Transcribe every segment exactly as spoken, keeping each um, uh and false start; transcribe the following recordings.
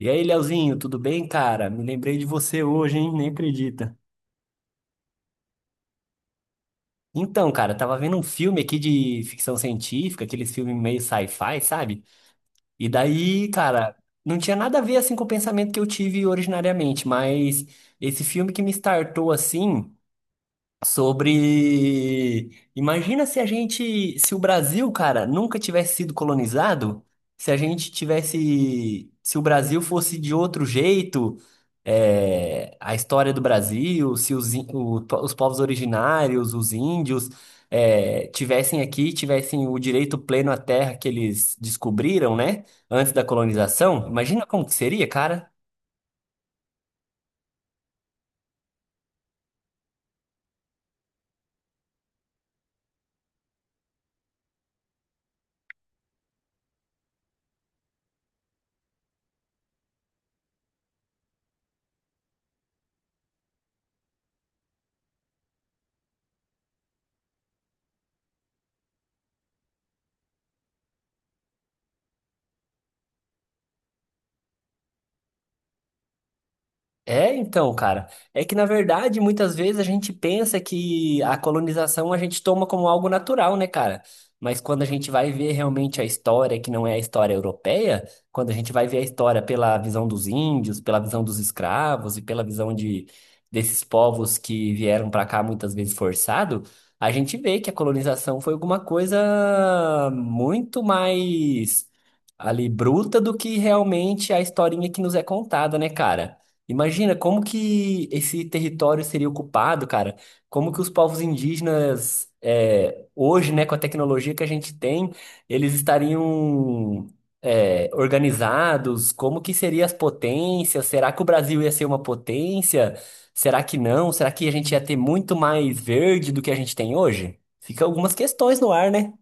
E aí, Leozinho, tudo bem, cara? Me lembrei de você hoje, hein? Nem acredita. Então, cara, eu tava vendo um filme aqui de ficção científica, aqueles filmes meio sci-fi, sabe? E daí, cara, não tinha nada a ver assim com o pensamento que eu tive originariamente, mas esse filme que me startou assim. Sobre. Imagina se a gente, se o Brasil, cara, nunca tivesse sido colonizado, se a gente tivesse, se o Brasil fosse de outro jeito, é, a história do Brasil, se os, in- o- os povos originários, os índios, é, tivessem aqui, tivessem o direito pleno à terra que eles descobriram, né, antes da colonização, imagina como que seria, cara. É, então, cara, é que na verdade muitas vezes a gente pensa que a colonização a gente toma como algo natural, né, cara? Mas quando a gente vai ver realmente a história, que não é a história europeia, quando a gente vai ver a história pela visão dos índios, pela visão dos escravos e pela visão de desses povos que vieram pra cá muitas vezes forçado, a gente vê que a colonização foi alguma coisa muito mais ali bruta do que realmente a historinha que nos é contada, né, cara? Imagina como que esse território seria ocupado, cara. Como que os povos indígenas, é, hoje, né, com a tecnologia que a gente tem, eles estariam, é, organizados? Como que seriam as potências? Será que o Brasil ia ser uma potência? Será que não? Será que a gente ia ter muito mais verde do que a gente tem hoje? Fica algumas questões no ar, né?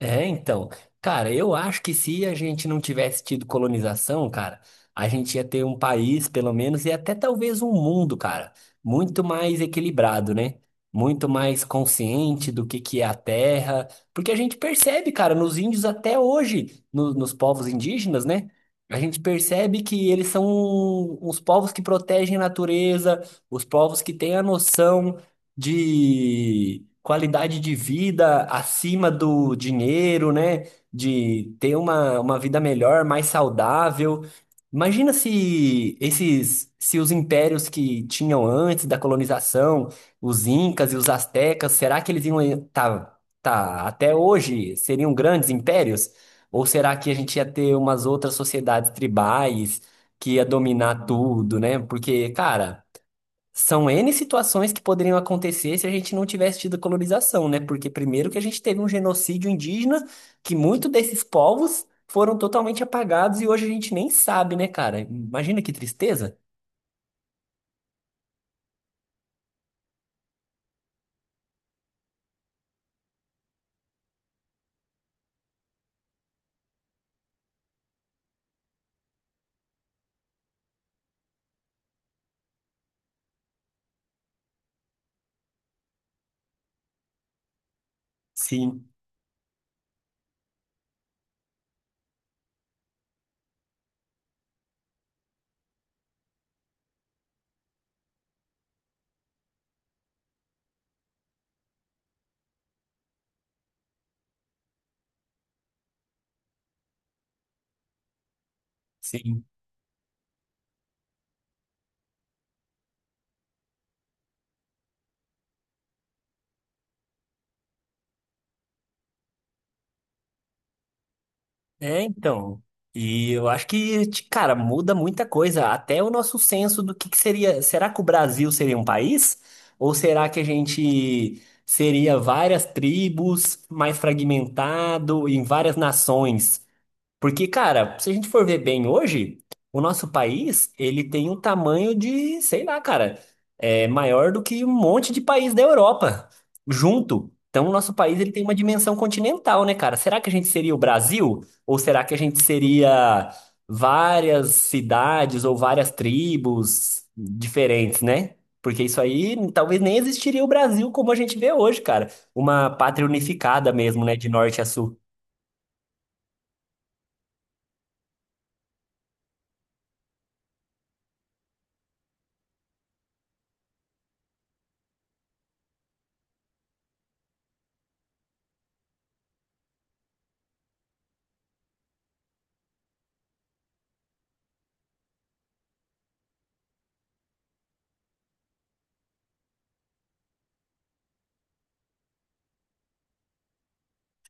É, então, cara, eu acho que se a gente não tivesse tido colonização, cara, a gente ia ter um país, pelo menos, e até talvez um mundo, cara, muito mais equilibrado, né? Muito mais consciente do que que é a terra, porque a gente percebe, cara, nos índios até hoje, no- nos povos indígenas, né? A gente percebe que eles são os povos que protegem a natureza, os povos que têm a noção de qualidade de vida acima do dinheiro, né? De ter uma, uma vida melhor, mais saudável. Imagina se esses, se os impérios que tinham antes da colonização, os incas e os aztecas, será que eles iam estar tá, tá, até hoje seriam grandes impérios? Ou será que a gente ia ter umas outras sociedades tribais que ia dominar tudo, né? Porque, cara, são N situações que poderiam acontecer se a gente não tivesse tido colonização, né? Porque primeiro que a gente teve um genocídio indígena, que muitos desses povos foram totalmente apagados e hoje a gente nem sabe, né, cara? Imagina que tristeza. Sim, sim. É, então. E eu acho que, t- cara, muda muita coisa. Até o nosso senso do que que seria. Será que o Brasil seria um país? Ou será que a gente seria várias tribos, mais fragmentado, em várias nações? Porque, cara, se a gente for ver bem hoje, o nosso país, ele tem um tamanho de, sei lá, cara, é maior do que um monte de país da Europa junto. Então, o nosso país, ele tem uma dimensão continental, né, cara? Será que a gente seria o Brasil? Ou será que a gente seria várias cidades ou várias tribos diferentes, né? Porque isso aí, talvez nem existiria o Brasil como a gente vê hoje, cara. Uma pátria unificada mesmo, né, de norte a sul.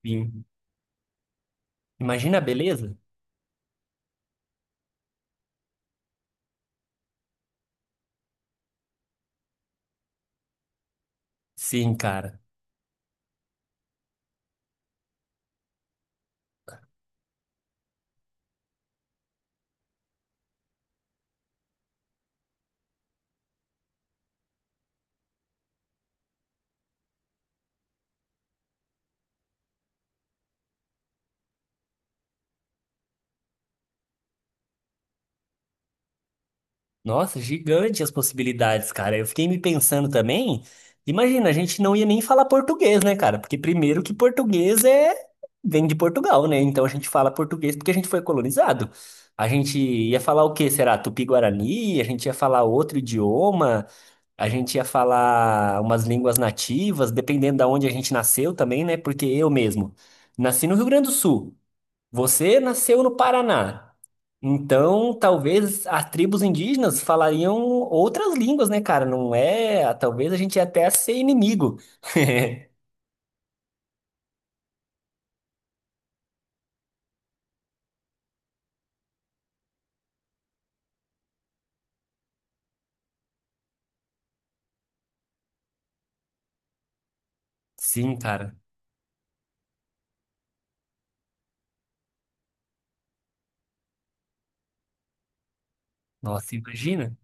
Sim. Imagina a beleza? Sim, cara. Nossa, gigante as possibilidades, cara. Eu fiquei me pensando também. Imagina, a gente não ia nem falar português, né, cara? Porque primeiro que português é vem de Portugal, né? Então a gente fala português porque a gente foi colonizado. A gente ia falar o quê? Será Tupi-Guarani? A gente ia falar outro idioma? A gente ia falar umas línguas nativas, dependendo da onde a gente nasceu também, né? Porque eu mesmo nasci no Rio Grande do Sul. Você nasceu no Paraná, então talvez as tribos indígenas falariam outras línguas, né, cara? Não é? Talvez a gente ia até ser inimigo. Sim, cara. Nossa, imagina.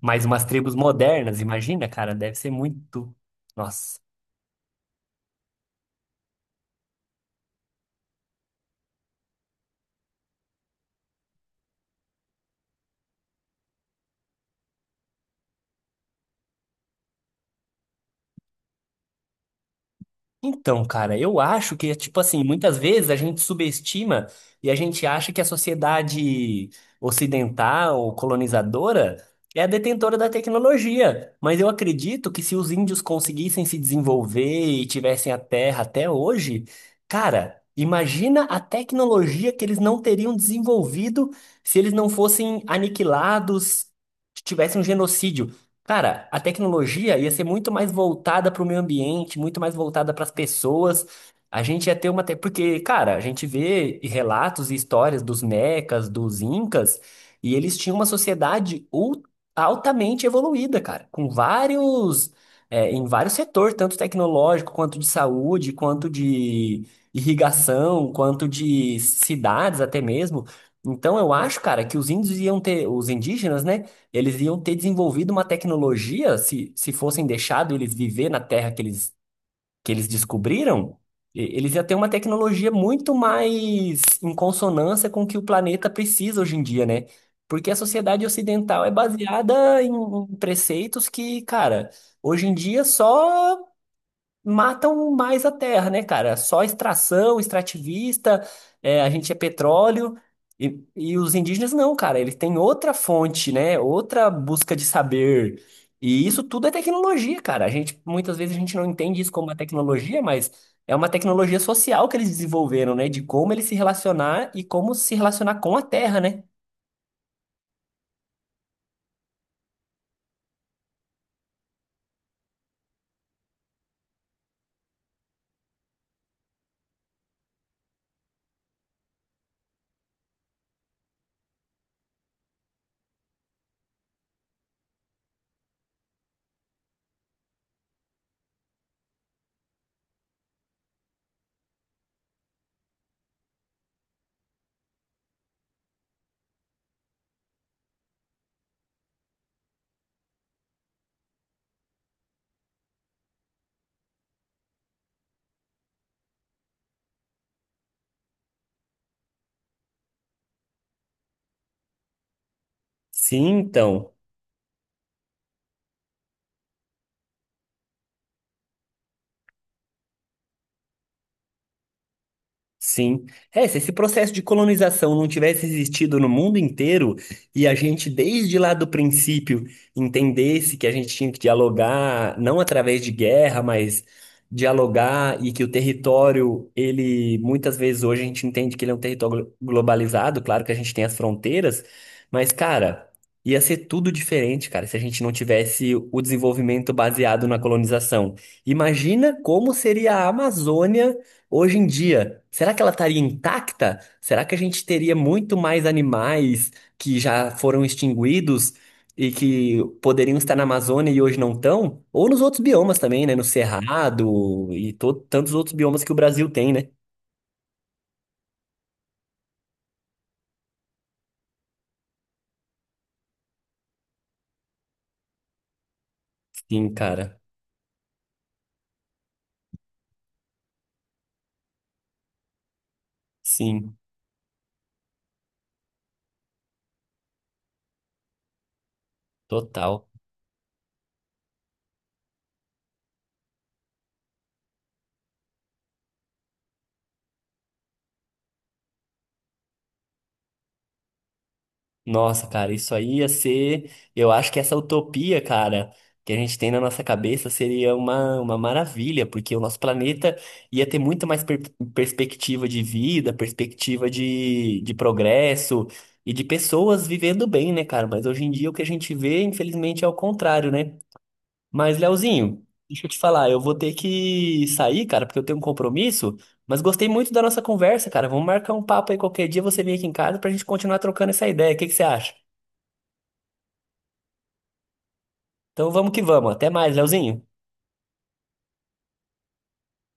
Mas umas tribos modernas, imagina, cara, deve ser muito. Nossa. Então, cara, eu acho que, tipo assim, muitas vezes a gente subestima e a gente acha que a sociedade ocidental, colonizadora, é a detentora da tecnologia. Mas eu acredito que se os índios conseguissem se desenvolver e tivessem a terra até hoje, cara, imagina a tecnologia que eles não teriam desenvolvido se eles não fossem aniquilados, se tivesse um genocídio. Cara, a tecnologia ia ser muito mais voltada para o meio ambiente, muito mais voltada para as pessoas. A gente ia ter uma. te- Porque, cara, a gente vê relatos e histórias dos mecas, dos incas, e eles tinham uma sociedade ul- altamente evoluída, cara, com vários. é, em vários setores, tanto tecnológico, quanto de saúde, quanto de irrigação, quanto de cidades até mesmo. Então, eu acho, cara, que os índios iam ter, os indígenas, né? Eles iam ter desenvolvido uma tecnologia, se, se fossem deixado eles viver na Terra que eles, que eles descobriram, e- eles iam ter uma tecnologia muito mais em consonância com o que o planeta precisa hoje em dia, né? Porque a sociedade ocidental é baseada em, em preceitos que, cara, hoje em dia só matam mais a terra, né, cara? Só extração, extrativista, é, a gente é petróleo. E, e os indígenas não, cara, eles têm outra fonte, né? Outra busca de saber. E isso tudo é tecnologia, cara. A gente, muitas vezes a gente não entende isso como uma tecnologia, mas é uma tecnologia social que eles desenvolveram, né? De como eles se relacionar e como se relacionar com a terra, né? Sim, então. Sim. É, se esse processo de colonização não tivesse existido no mundo inteiro e a gente, desde lá do princípio, entendesse que a gente tinha que dialogar, não através de guerra, mas dialogar e que o território, ele, muitas vezes hoje a gente entende que ele é um território glo- globalizado, claro que a gente tem as fronteiras, mas, cara, ia ser tudo diferente, cara, se a gente não tivesse o desenvolvimento baseado na colonização. Imagina como seria a Amazônia hoje em dia, será que ela estaria intacta? Será que a gente teria muito mais animais que já foram extinguidos e que poderiam estar na Amazônia e hoje não estão? Ou nos outros biomas também, né? No Cerrado e to- tantos outros biomas que o Brasil tem, né? Sim, cara. Sim, total. Nossa, cara, isso aí ia ser. Eu acho que essa utopia, cara, que a gente tem na nossa cabeça seria uma, uma maravilha, porque o nosso planeta ia ter muito mais per- perspectiva de vida, perspectiva de, de progresso e de pessoas vivendo bem, né, cara? Mas hoje em dia o que a gente vê, infelizmente, é o contrário, né? Mas, Leozinho, deixa eu te falar, eu vou ter que sair, cara, porque eu tenho um compromisso, mas gostei muito da nossa conversa, cara. Vamos marcar um papo aí qualquer dia, você vem aqui em casa pra gente continuar trocando essa ideia. O que que você acha? Então vamos que vamos. Até mais, Leozinho.